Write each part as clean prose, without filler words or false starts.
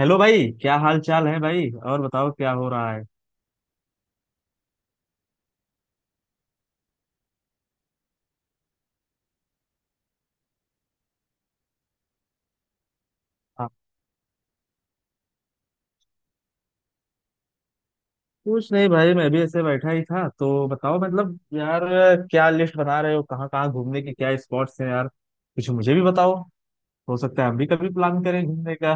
Hello भाई, क्या हाल चाल है भाई। और बताओ क्या हो रहा है। हाँ, कुछ नहीं भाई, मैं भी ऐसे बैठा ही था। तो बताओ मतलब यार, क्या लिस्ट बना रहे हो, कहाँ कहाँ घूमने के क्या स्पॉट्स हैं यार, कुछ मुझे भी बताओ। हो सकता है हम भी कभी प्लान करें घूमने का।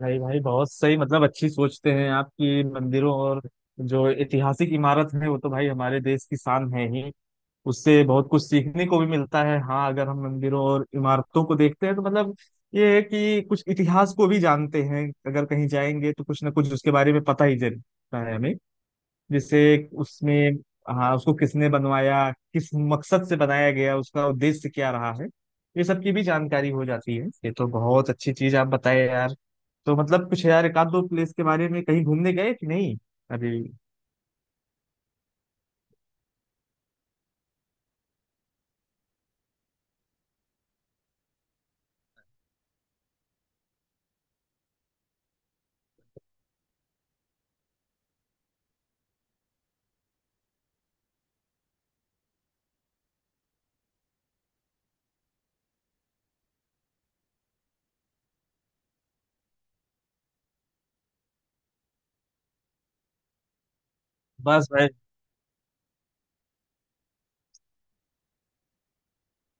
भाई भाई बहुत सही, मतलब अच्छी सोचते हैं आपकी, मंदिरों और जो ऐतिहासिक इमारत है वो तो भाई हमारे देश की शान है ही। उससे बहुत कुछ सीखने को भी मिलता है। हाँ, अगर हम मंदिरों और इमारतों को देखते हैं तो मतलब ये है कि कुछ इतिहास को भी जानते हैं। अगर कहीं जाएंगे तो कुछ ना कुछ उसके बारे में पता ही चलता है हमें। जैसे उसमें, हाँ, उसको किसने बनवाया, किस मकसद से बनाया गया, उसका उद्देश्य क्या रहा है, ये सब की भी जानकारी हो जाती है। ये तो बहुत अच्छी चीज आप बताए यार। तो मतलब कुछ यार, एक आध दो प्लेस के बारे में कहीं घूमने गए कि नहीं अभी। बस भाई।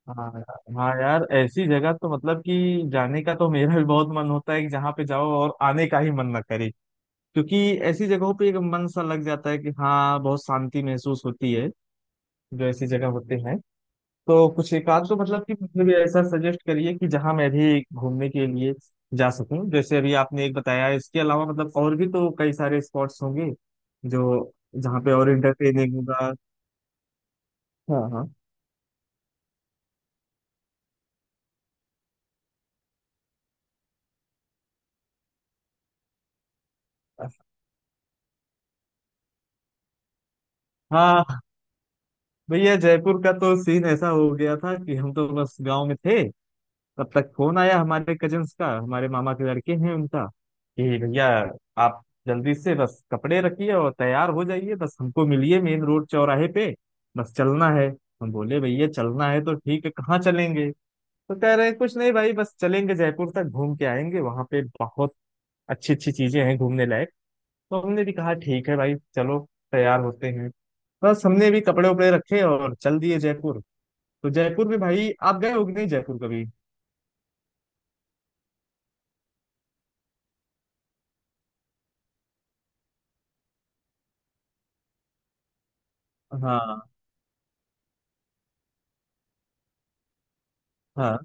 हाँ यार, हाँ यार, ऐसी जगह तो मतलब कि जाने का तो मेरा भी बहुत मन होता है, कि जहाँ पे जाओ और आने का ही मन ना करे। क्योंकि ऐसी जगहों पे एक मन सा लग जाता है कि हाँ, बहुत शांति महसूस होती है जो ऐसी जगह होते हैं। तो कुछ एक आध तो मतलब कि मुझे भी ऐसा सजेस्ट करिए कि जहाँ मैं भी घूमने के लिए जा सकूं। जैसे अभी आपने एक बताया, इसके अलावा मतलब और भी तो कई सारे स्पॉट्स होंगे जो, जहाँ पे और इंटरटेनिंग होगा। हाँ हाँ। हाँ भैया, जयपुर का तो सीन ऐसा हो गया था कि हम तो बस गांव में थे। तब तक फोन आया हमारे कजन्स का, हमारे मामा के लड़के हैं उनका, कि भैया आप जल्दी से बस कपड़े रखिए और तैयार हो जाइए, बस हमको मिलिए मेन रोड चौराहे पे, बस चलना है। हम बोले भैया, चलना है तो ठीक है, कहाँ चलेंगे। तो कह रहे हैं कुछ नहीं भाई, बस चलेंगे जयपुर तक, घूम के आएंगे, वहां पे बहुत अच्छी अच्छी चीजें हैं घूमने लायक। तो हमने भी कहा ठीक है भाई चलो, तैयार होते हैं। बस हमने भी कपड़े उपड़े रखे और चल दिए जयपुर। तो जयपुर में भाई आप गए हो कि नहीं जयपुर कभी। हाँ हाँ।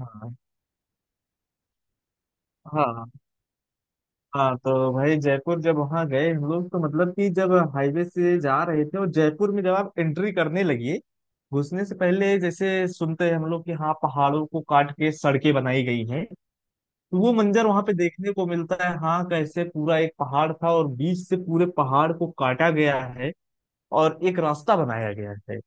हाँ। हाँ हाँ तो भाई, जयपुर जब वहाँ गए हम लोग, तो मतलब कि जब हाईवे से जा रहे थे और जयपुर में जब आप एंट्री करने लगी, घुसने से पहले, जैसे सुनते हैं हम लोग कि हाँ, पहाड़ों को काट के सड़कें बनाई गई हैं, तो वो मंजर वहां पे देखने को मिलता है। हाँ, कैसे पूरा एक पहाड़ था और बीच से पूरे पहाड़ को काटा गया है और एक रास्ता बनाया गया है।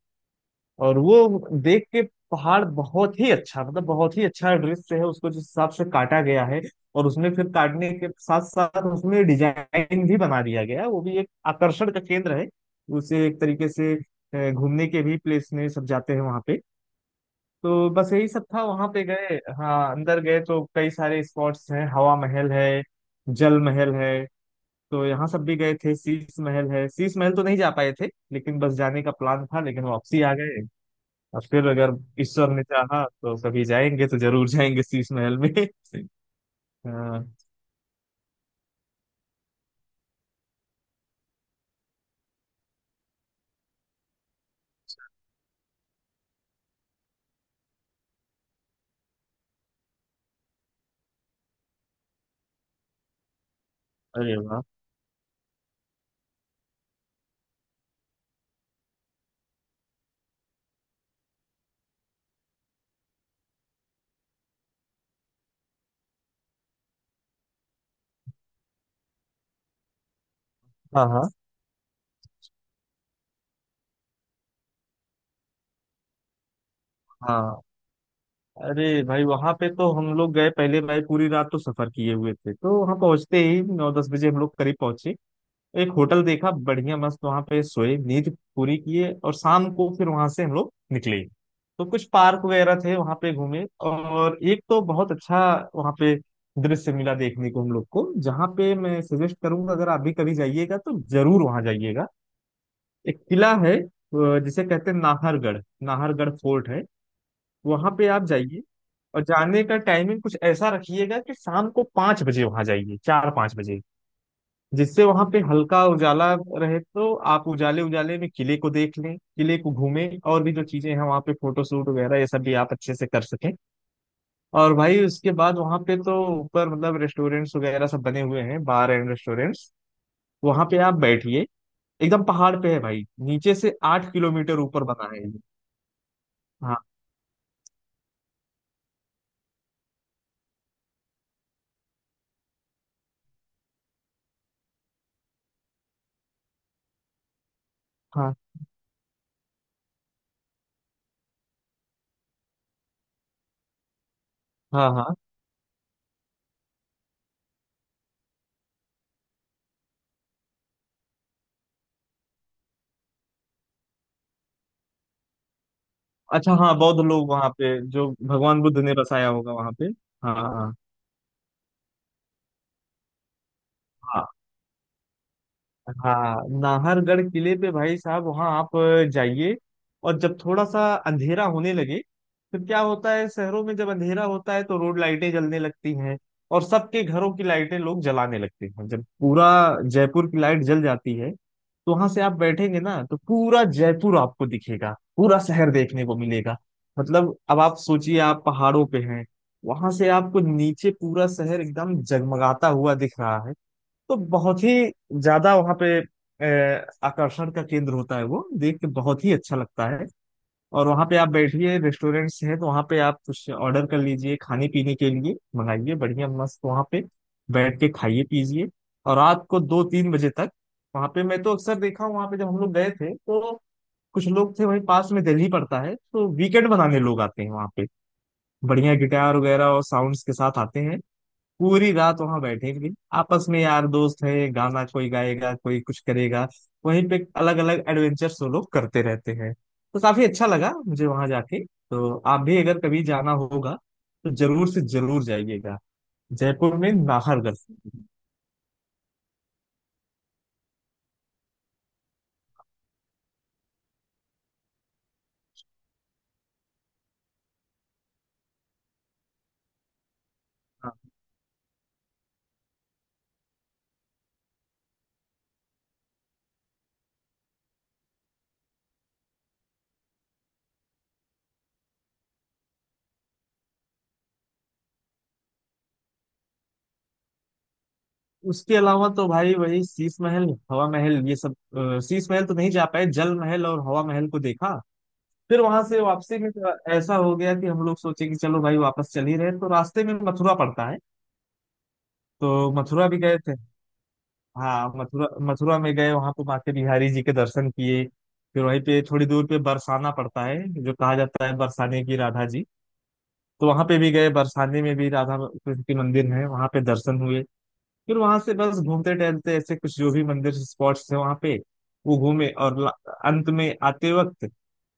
और वो देख के, पहाड़ बहुत ही अच्छा, मतलब बहुत ही अच्छा दृश्य है, उसको जिस हिसाब से काटा गया है। और उसमें फिर काटने के साथ साथ उसमें डिजाइन भी बना दिया गया है, वो भी एक आकर्षण का केंद्र है। उसे एक तरीके से घूमने के भी प्लेस में सब जाते हैं वहां पे। तो बस यही सब था, वहां पे गए। हाँ, अंदर गए तो कई सारे स्पॉट्स हैं, हवा महल है, जल महल है, तो यहाँ सब भी गए थे। शीश महल है, शीश महल तो नहीं जा पाए थे, लेकिन बस जाने का प्लान था, लेकिन वापसी आ गए। और फिर अगर ईश्वर ने चाहा तो कभी जाएंगे तो जरूर जाएंगे शीश महल में। हाँ। अरे वाह। हाँ हाँ। हाँ अरे भाई, वहां पे तो हम लोग गए पहले भाई, पूरी रात तो सफर किए हुए थे, तो वहां पहुंचते ही 9-10 बजे हम लोग करीब पहुंचे। एक होटल देखा, बढ़िया मस्त, वहां पे सोए, नींद पूरी किए और शाम को फिर वहां से हम लोग निकले। तो कुछ पार्क वगैरह थे, वहां पे घूमे। और एक तो बहुत अच्छा वहां पे दृश्य मिला देखने को हम लोग को, जहाँ पे मैं सजेस्ट करूंगा, अगर आप भी कभी जाइएगा तो जरूर वहां जाइएगा। एक किला है जिसे कहते हैं नाहरगढ़, नाहरगढ़ फोर्ट है। वहां पे आप जाइए, और जाने का टाइमिंग कुछ ऐसा रखिएगा कि शाम को 5 बजे वहां जाइए, 4-5 बजे, जिससे वहां पे हल्का उजाला रहे, तो आप उजाले उजाले में किले को देख लें, किले को घूमें, और भी जो चीजें हैं वहां पे फोटो शूट वगैरह, ये सब भी आप अच्छे से कर सकें। और भाई उसके बाद वहां पे तो ऊपर मतलब रेस्टोरेंट्स वगैरह सब बने हुए हैं, बार एंड रेस्टोरेंट्स। वहां पे आप बैठिए, एकदम पहाड़ पे है भाई, नीचे से 8 किलोमीटर ऊपर बना है ये। हाँ हाँ। हाँ हाँ अच्छा हाँ, बौद्ध लोग वहां पे जो भगवान बुद्ध ने बसाया होगा वहां पे। हाँ हाँ। हाँ। हाँ नाहरगढ़ किले पे भाई साहब, वहाँ आप जाइए, और जब थोड़ा सा अंधेरा होने लगे, फिर क्या होता है, शहरों में जब अंधेरा होता है तो रोड लाइटें जलने लगती हैं और सबके घरों की लाइटें लोग जलाने लगते हैं। जब पूरा जयपुर की लाइट जल जाती है तो वहां से आप बैठेंगे ना तो पूरा जयपुर आपको दिखेगा, पूरा शहर देखने को मिलेगा। मतलब अब आप सोचिए, आप पहाड़ों पे हैं, वहां से आपको नीचे पूरा शहर एकदम जगमगाता हुआ दिख रहा है। तो बहुत ही ज्यादा वहाँ पे आकर्षण का केंद्र होता है, वो देख के बहुत ही अच्छा लगता है। और वहाँ पे आप बैठिए, रेस्टोरेंट्स हैं तो वहाँ पे आप कुछ ऑर्डर कर लीजिए, खाने पीने के लिए मंगाइए, बढ़िया मस्त वहाँ पे बैठ के खाइए पीजिए। और रात को 2-3 बजे तक वहाँ पे, मैं तो अक्सर देखा हूँ वहाँ पे जब हम लोग गए थे, तो कुछ लोग थे वहीं, पास में दिल्ली पड़ता है तो वीकेंड बनाने लोग आते हैं वहाँ पे, बढ़िया गिटार वगैरह और साउंड्स के साथ आते हैं। पूरी रात वहां बैठेंगे, आपस में यार दोस्त है, गाना कोई गाएगा, कोई कुछ करेगा, वहीं पे अलग अलग एडवेंचर्स वो लोग करते रहते हैं। तो काफी अच्छा लगा मुझे वहां जाके, तो आप भी अगर कभी जाना होगा तो जरूर से जरूर जाइएगा जयपुर में नाहरगढ़। हाँ, उसके अलावा तो भाई वही शीश महल, हवा महल, ये सब, शीश महल तो नहीं जा पाए, जल महल और हवा महल को देखा। फिर वहां से वापसी में तो ऐसा हो गया कि हम लोग सोचे कि चलो भाई, वापस चल ही रहे हैं, तो रास्ते में मथुरा पड़ता है, तो मथुरा भी गए थे। हाँ मथुरा, मथुरा में गए, वहां पे माता बिहारी जी के दर्शन किए। फिर वहीं पे थोड़ी दूर पे बरसाना पड़ता है, जो कहा जाता है बरसाने की राधा जी, तो वहां पे भी गए, बरसाने में भी राधा कृष्ण के मंदिर है, वहां पे दर्शन हुए। फिर वहां से बस घूमते टहलते ऐसे कुछ जो भी मंदिर स्पॉट्स है वहां पे, वो घूमे। और अंत में आते वक्त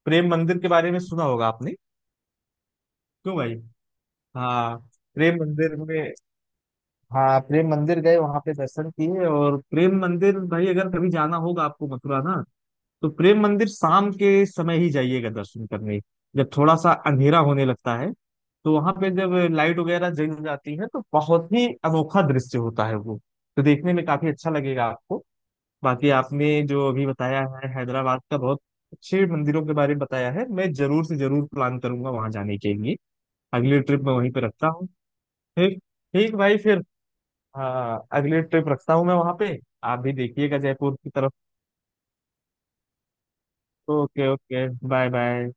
प्रेम मंदिर के बारे में सुना होगा आपने। क्यों भाई। हाँ प्रेम मंदिर में, हाँ प्रेम मंदिर गए, वहां पे दर्शन किए। और प्रेम मंदिर भाई, अगर कभी जाना होगा आपको मथुरा ना, तो प्रेम मंदिर शाम के समय ही जाइएगा दर्शन करने, जब थोड़ा सा अंधेरा होने लगता है, तो वहां पे जब लाइट वगैरह जल जाती है तो बहुत ही अनोखा दृश्य होता है वो, तो देखने में काफी अच्छा लगेगा आपको। बाकी आपने जो अभी बताया है हैदराबाद का, बहुत अच्छे मंदिरों के बारे में बताया है, मैं जरूर से जरूर प्लान करूंगा वहां जाने के लिए। अगली ट्रिप मैं वहीं पे रखता हूँ। ठीक। ठीक भाई फिर, हाँ अगली ट्रिप रखता हूँ मैं वहां पे। आप भी देखिएगा जयपुर की तरफ। ओके। Okay bye bye.